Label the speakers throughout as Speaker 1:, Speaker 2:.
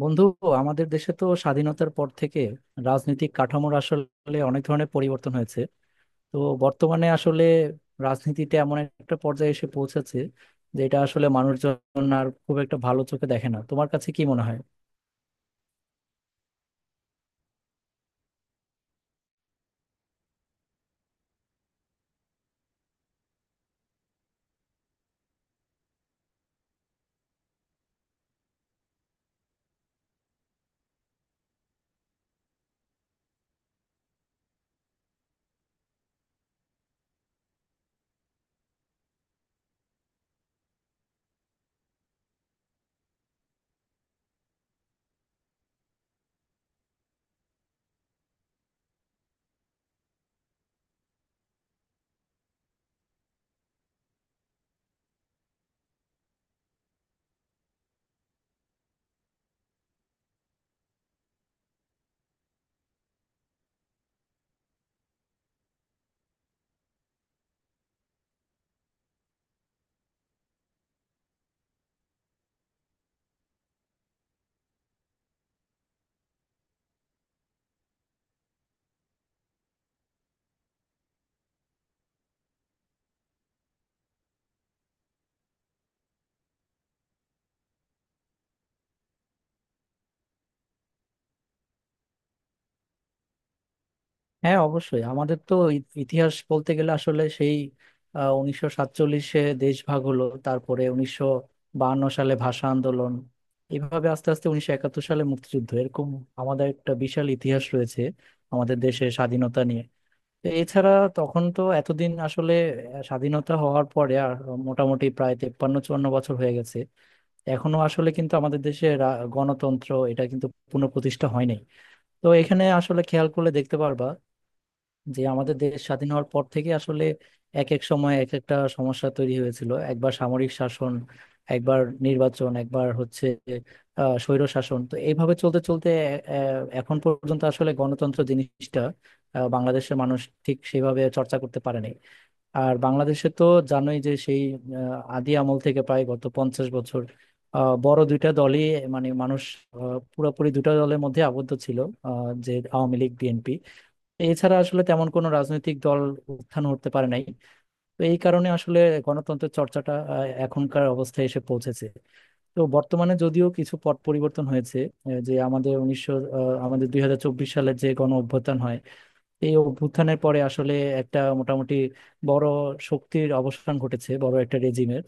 Speaker 1: বন্ধু, আমাদের দেশে তো স্বাধীনতার পর থেকে রাজনৈতিক কাঠামোর আসলে অনেক ধরনের পরিবর্তন হয়েছে। তো বর্তমানে আসলে রাজনীতিতে এমন একটা পর্যায়ে এসে পৌঁছেছে যে এটা আসলে মানুষজন আর খুব একটা ভালো চোখে দেখে না। তোমার কাছে কি মনে হয়? হ্যাঁ, অবশ্যই আমাদের তো ইতিহাস বলতে গেলে আসলে সেই 1947-এ দেশ ভাগ হলো, তারপরে 1952 সালে ভাষা আন্দোলন, এইভাবে আস্তে আস্তে 1971 সালে মুক্তিযুদ্ধ, এরকম আমাদের একটা বিশাল ইতিহাস রয়েছে আমাদের দেশের স্বাধীনতা নিয়ে। তো এছাড়া তখন তো এতদিন আসলে স্বাধীনতা হওয়ার পরে আর মোটামুটি প্রায় 53-54 বছর হয়ে গেছে, এখনো আসলে কিন্তু আমাদের দেশে গণতন্ত্র এটা কিন্তু পুনঃপ্রতিষ্ঠা হয়নি। তো এখানে আসলে খেয়াল করলে দেখতে পারবা যে আমাদের দেশ স্বাধীন হওয়ার পর থেকে আসলে এক এক সময় এক একটা সমস্যা তৈরি হয়েছিল, একবার সামরিক শাসন, একবার নির্বাচন, একবার হচ্ছে স্বৈর শাসন। তো এইভাবে চলতে চলতে এখন পর্যন্ত আসলে গণতন্ত্র জিনিসটা বাংলাদেশের মানুষ ঠিক সেভাবে চর্চা করতে পারেনি। আর বাংলাদেশে তো জানোই যে সেই আদি আমল থেকে প্রায় গত 50 বছর বড় দুইটা দলই, মানে মানুষ পুরোপুরি দুটা দলের মধ্যে আবদ্ধ ছিল, যে আওয়ামী লীগ, বিএনপি। এছাড়া আসলে তেমন কোনো রাজনৈতিক দল উত্থান হতে পারে নাই। তো এই কারণে আসলে গণতন্ত্রের চর্চাটা এখনকার অবস্থায় এসে পৌঁছেছে। তো বর্তমানে যদিও কিছু পট পরিবর্তন হয়েছে, যে আমাদের আমাদের 2024 সালে যে গণ অভ্যুত্থান হয়, এই অভ্যুত্থানের পরে আসলে একটা মোটামুটি বড় শক্তির অবসান ঘটেছে, বড় একটা রেজিমের।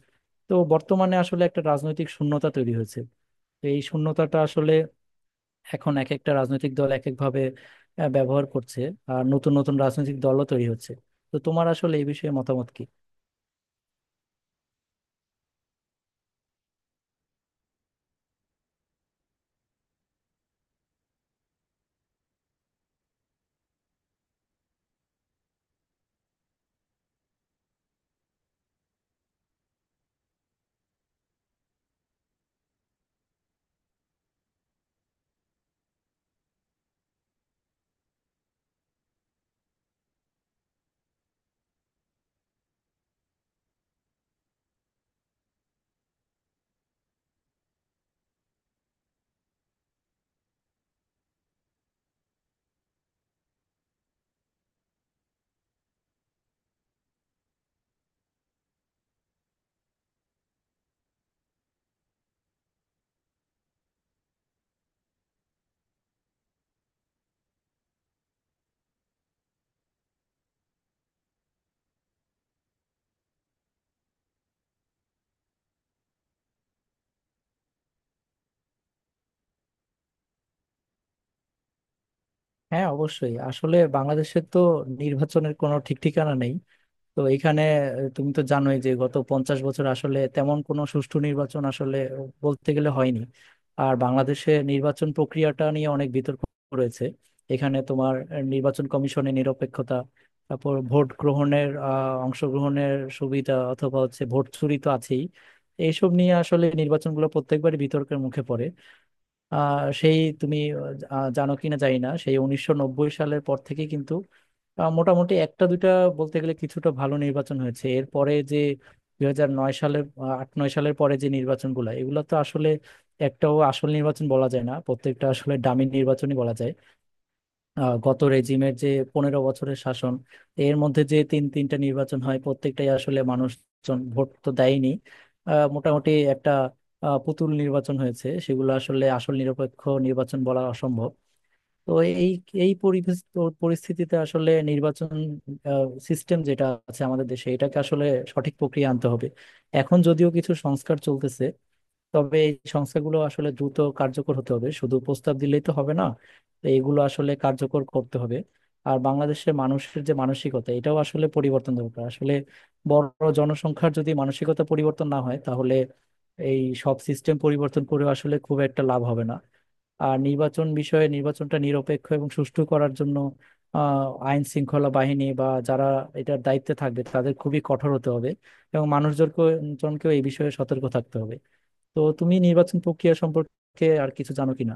Speaker 1: তো বর্তমানে আসলে একটা রাজনৈতিক শূন্যতা তৈরি হয়েছে। তো এই শূন্যতাটা আসলে এখন এক একটা রাজনৈতিক দল এক একভাবে ব্যবহার করছে, আর নতুন নতুন রাজনৈতিক দলও তৈরি হচ্ছে। তো তোমার আসলে এই বিষয়ে মতামত কি? হ্যাঁ, অবশ্যই আসলে বাংলাদেশের তো নির্বাচনের কোনো ঠিক ঠিকানা নেই। তো এখানে তুমি তো জানোই যে গত 50 বছর আসলে তেমন কোনো সুষ্ঠু নির্বাচন আসলে বলতে গেলে হয়নি। আর বাংলাদেশে নির্বাচন প্রক্রিয়াটা নিয়ে অনেক বিতর্ক রয়েছে। এখানে তোমার নির্বাচন কমিশনের নিরপেক্ষতা, তারপর ভোট গ্রহণের অংশগ্রহণের সুবিধা, অথবা হচ্ছে ভোট চুরি তো আছেই। এইসব নিয়ে আসলে নির্বাচনগুলো প্রত্যেকবারই বিতর্কের মুখে পড়ে। সেই তুমি জানো কিনা জানি না, সেই 1990 সালের পর থেকে কিন্তু মোটামুটি একটা দুইটা বলতে গেলে কিছুটা ভালো নির্বাচন হয়েছে। এরপরে যে 2009 সালের 08-09 সালের পরে যে নির্বাচনগুলো, এগুলো তো আসলে একটাও আসল নির্বাচন বলা যায় না, প্রত্যেকটা আসলে ডামি নির্বাচনই বলা যায়। গত রেজিমের যে 15 বছরের শাসন, এর মধ্যে যে তিন তিনটা নির্বাচন হয়, প্রত্যেকটাই আসলে মানুষজন ভোট তো দেয়নি, মোটামুটি একটা পুতুল নির্বাচন হয়েছে। সেগুলো আসলে আসল নিরপেক্ষ নির্বাচন বলা অসম্ভব। তো এই এই পরিবেশ পরিস্থিতিতে আসলে নির্বাচন সিস্টেম যেটা আছে আমাদের দেশে, এটাকে আসলে সঠিক প্রক্রিয়া আনতে হবে। এখন যদিও কিছু সংস্কার চলতেছে, তবে এই সংস্থাগুলো আসলে দ্রুত কার্যকর হতে হবে, শুধু প্রস্তাব দিলেই তো হবে না। তো এগুলো আসলে কার্যকর করতে হবে। আর বাংলাদেশের মানুষের যে মানসিকতা, এটাও আসলে পরিবর্তন দরকার আসলে। বড় জনসংখ্যার যদি মানসিকতা পরিবর্তন না হয়, তাহলে এই সব সিস্টেম পরিবর্তন করে আসলে খুব একটা লাভ হবে না। আর নির্বাচন বিষয়ে, নির্বাচনটা নিরপেক্ষ এবং সুষ্ঠু করার জন্য আইন শৃঙ্খলা বাহিনী বা যারা এটার দায়িত্বে থাকবে তাদের খুবই কঠোর হতে হবে, এবং জনকেও এই বিষয়ে সতর্ক থাকতে হবে। তো তুমি নির্বাচন প্রক্রিয়া সম্পর্কে আর কিছু জানো কিনা?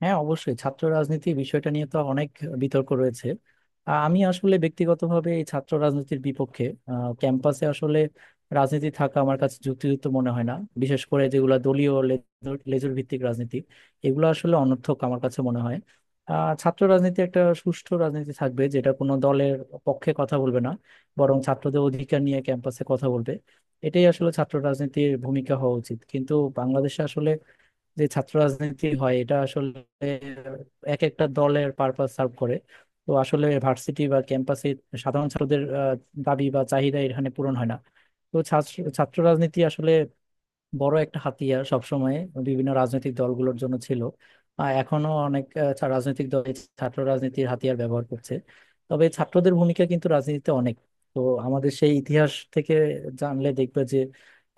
Speaker 1: হ্যাঁ, অবশ্যই ছাত্র রাজনীতি বিষয়টা নিয়ে তো অনেক বিতর্ক রয়েছে। আমি আসলে ব্যক্তিগতভাবে এই ছাত্র রাজনীতির বিপক্ষে, ক্যাম্পাসে আসলে রাজনীতি থাকা আমার কাছে যুক্তিযুক্ত মনে হয় না। বিশেষ করে যেগুলো দলীয় লেজুর লেজুর ভিত্তিক রাজনীতি, এগুলো আসলে অনর্থক আমার কাছে মনে হয়। ছাত্র রাজনীতি একটা সুষ্ঠু রাজনীতি থাকবে, যেটা কোনো দলের পক্ষে কথা বলবে না, বরং ছাত্রদের অধিকার নিয়ে ক্যাম্পাসে কথা বলবে। এটাই আসলে ছাত্র রাজনীতির ভূমিকা হওয়া উচিত, কিন্তু বাংলাদেশে আসলে যে ছাত্র রাজনীতি হয় এটা আসলে এক একটা দলের পারপাস সার্ভ করে। তো আসলে ভার্সিটি বা ক্যাম্পাসে সাধারণ ছাত্রদের দাবি বা চাহিদা এখানে পূরণ হয় না। তো ছাত্র ছাত্র রাজনীতি আসলে বড় একটা হাতিয়ার সবসময় বিভিন্ন রাজনৈতিক দলগুলোর জন্য ছিল। এখনো অনেক রাজনৈতিক দল এই ছাত্র রাজনীতির হাতিয়ার ব্যবহার করছে। তবে ছাত্রদের ভূমিকা কিন্তু রাজনীতিতে অনেক। তো আমাদের সেই ইতিহাস থেকে জানলে দেখবে যে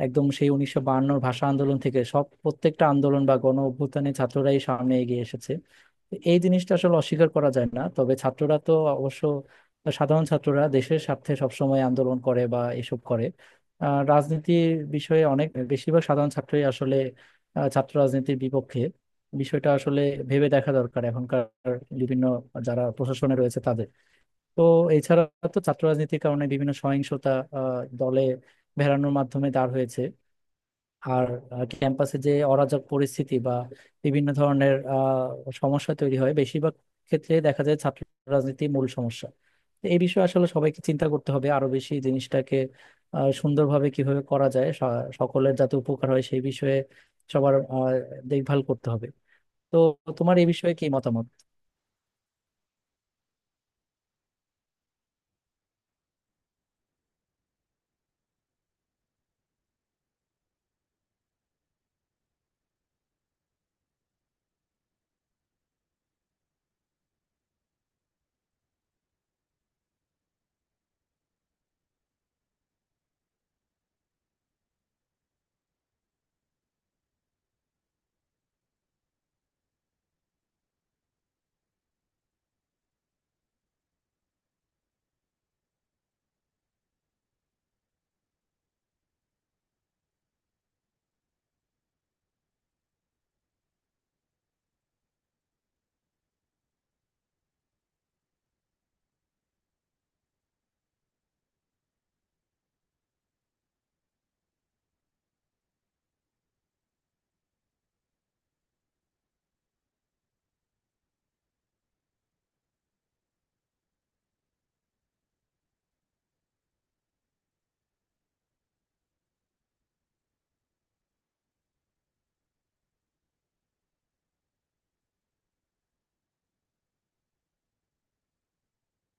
Speaker 1: একদম সেই 1952-র ভাষা আন্দোলন থেকে সব প্রত্যেকটা আন্দোলন বা গণ অভ্যুত্থানে ছাত্ররাই সামনে এগিয়ে এসেছে। তো এই জিনিসটা আসলে অস্বীকার করা যায় না। তবে ছাত্ররা তো অবশ্য সাধারণ ছাত্ররা দেশের স্বার্থে সবসময় আন্দোলন করে বা এসব করে। রাজনীতির বিষয়ে অনেক বেশিরভাগ সাধারণ ছাত্রই আসলে ছাত্র রাজনীতির বিপক্ষে। বিষয়টা আসলে ভেবে দেখা দরকার এখনকার বিভিন্ন যারা প্রশাসনে রয়েছে তাদের। তো এছাড়া তো ছাত্র রাজনীতির কারণে বিভিন্ন সহিংসতা দলে ভেড়ানোর মাধ্যমে দাঁড় হয়েছে। আর ক্যাম্পাসে যে অরাজক পরিস্থিতি বা বিভিন্ন ধরনের সমস্যা তৈরি হয়, বেশিরভাগ ক্ষেত্রে দেখা যায় ছাত্র রাজনীতি মূল সমস্যা। তো এই বিষয়ে আসলে সবাইকে চিন্তা করতে হবে আরো বেশি, জিনিসটাকে সুন্দরভাবে কিভাবে করা যায়, সকলের যাতে উপকার হয় সেই বিষয়ে সবার দেখভাল করতে হবে। তো তোমার এই বিষয়ে কি মতামত?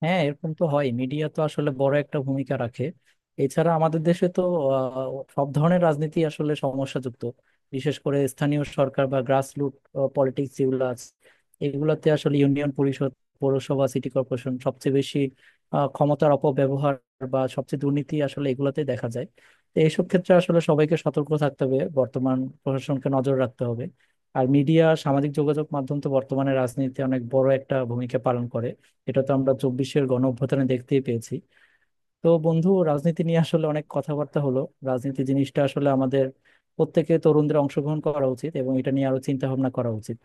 Speaker 1: হ্যাঁ, এরকম তো হয়, মিডিয়া তো আসলে বড় একটা ভূমিকা রাখে। এছাড়া আমাদের দেশে তো আহ, সব ধরনের রাজনীতি আসলে সমস্যাযুক্ত, বিশেষ করে স্থানীয় সরকার বা গ্রাসরুট পলিটিক্স যেগুলো আছে, এগুলোতে আসলে ইউনিয়ন পরিষদ, পৌরসভা, সিটি কর্পোরেশন সবচেয়ে বেশি ক্ষমতার অপব্যবহার বা সবচেয়ে দুর্নীতি আসলে এগুলোতে দেখা যায়। তো এইসব ক্ষেত্রে আসলে সবাইকে সতর্ক থাকতে হবে, বর্তমান প্রশাসনকে নজর রাখতে হবে। আর মিডিয়া, সামাজিক যোগাযোগ মাধ্যম তো বর্তমানে রাজনীতিতে অনেক বড় একটা ভূমিকা পালন করে, এটা তো আমরা 24-এর গণ অভ্যুত্থানে দেখতেই পেয়েছি। তো বন্ধু, রাজনীতি নিয়ে আসলে অনেক কথাবার্তা হলো। রাজনীতি জিনিসটা আসলে আমাদের প্রত্যেকে তরুণদের অংশগ্রহণ করা উচিত এবং এটা নিয়ে আরো চিন্তা ভাবনা করা উচিত।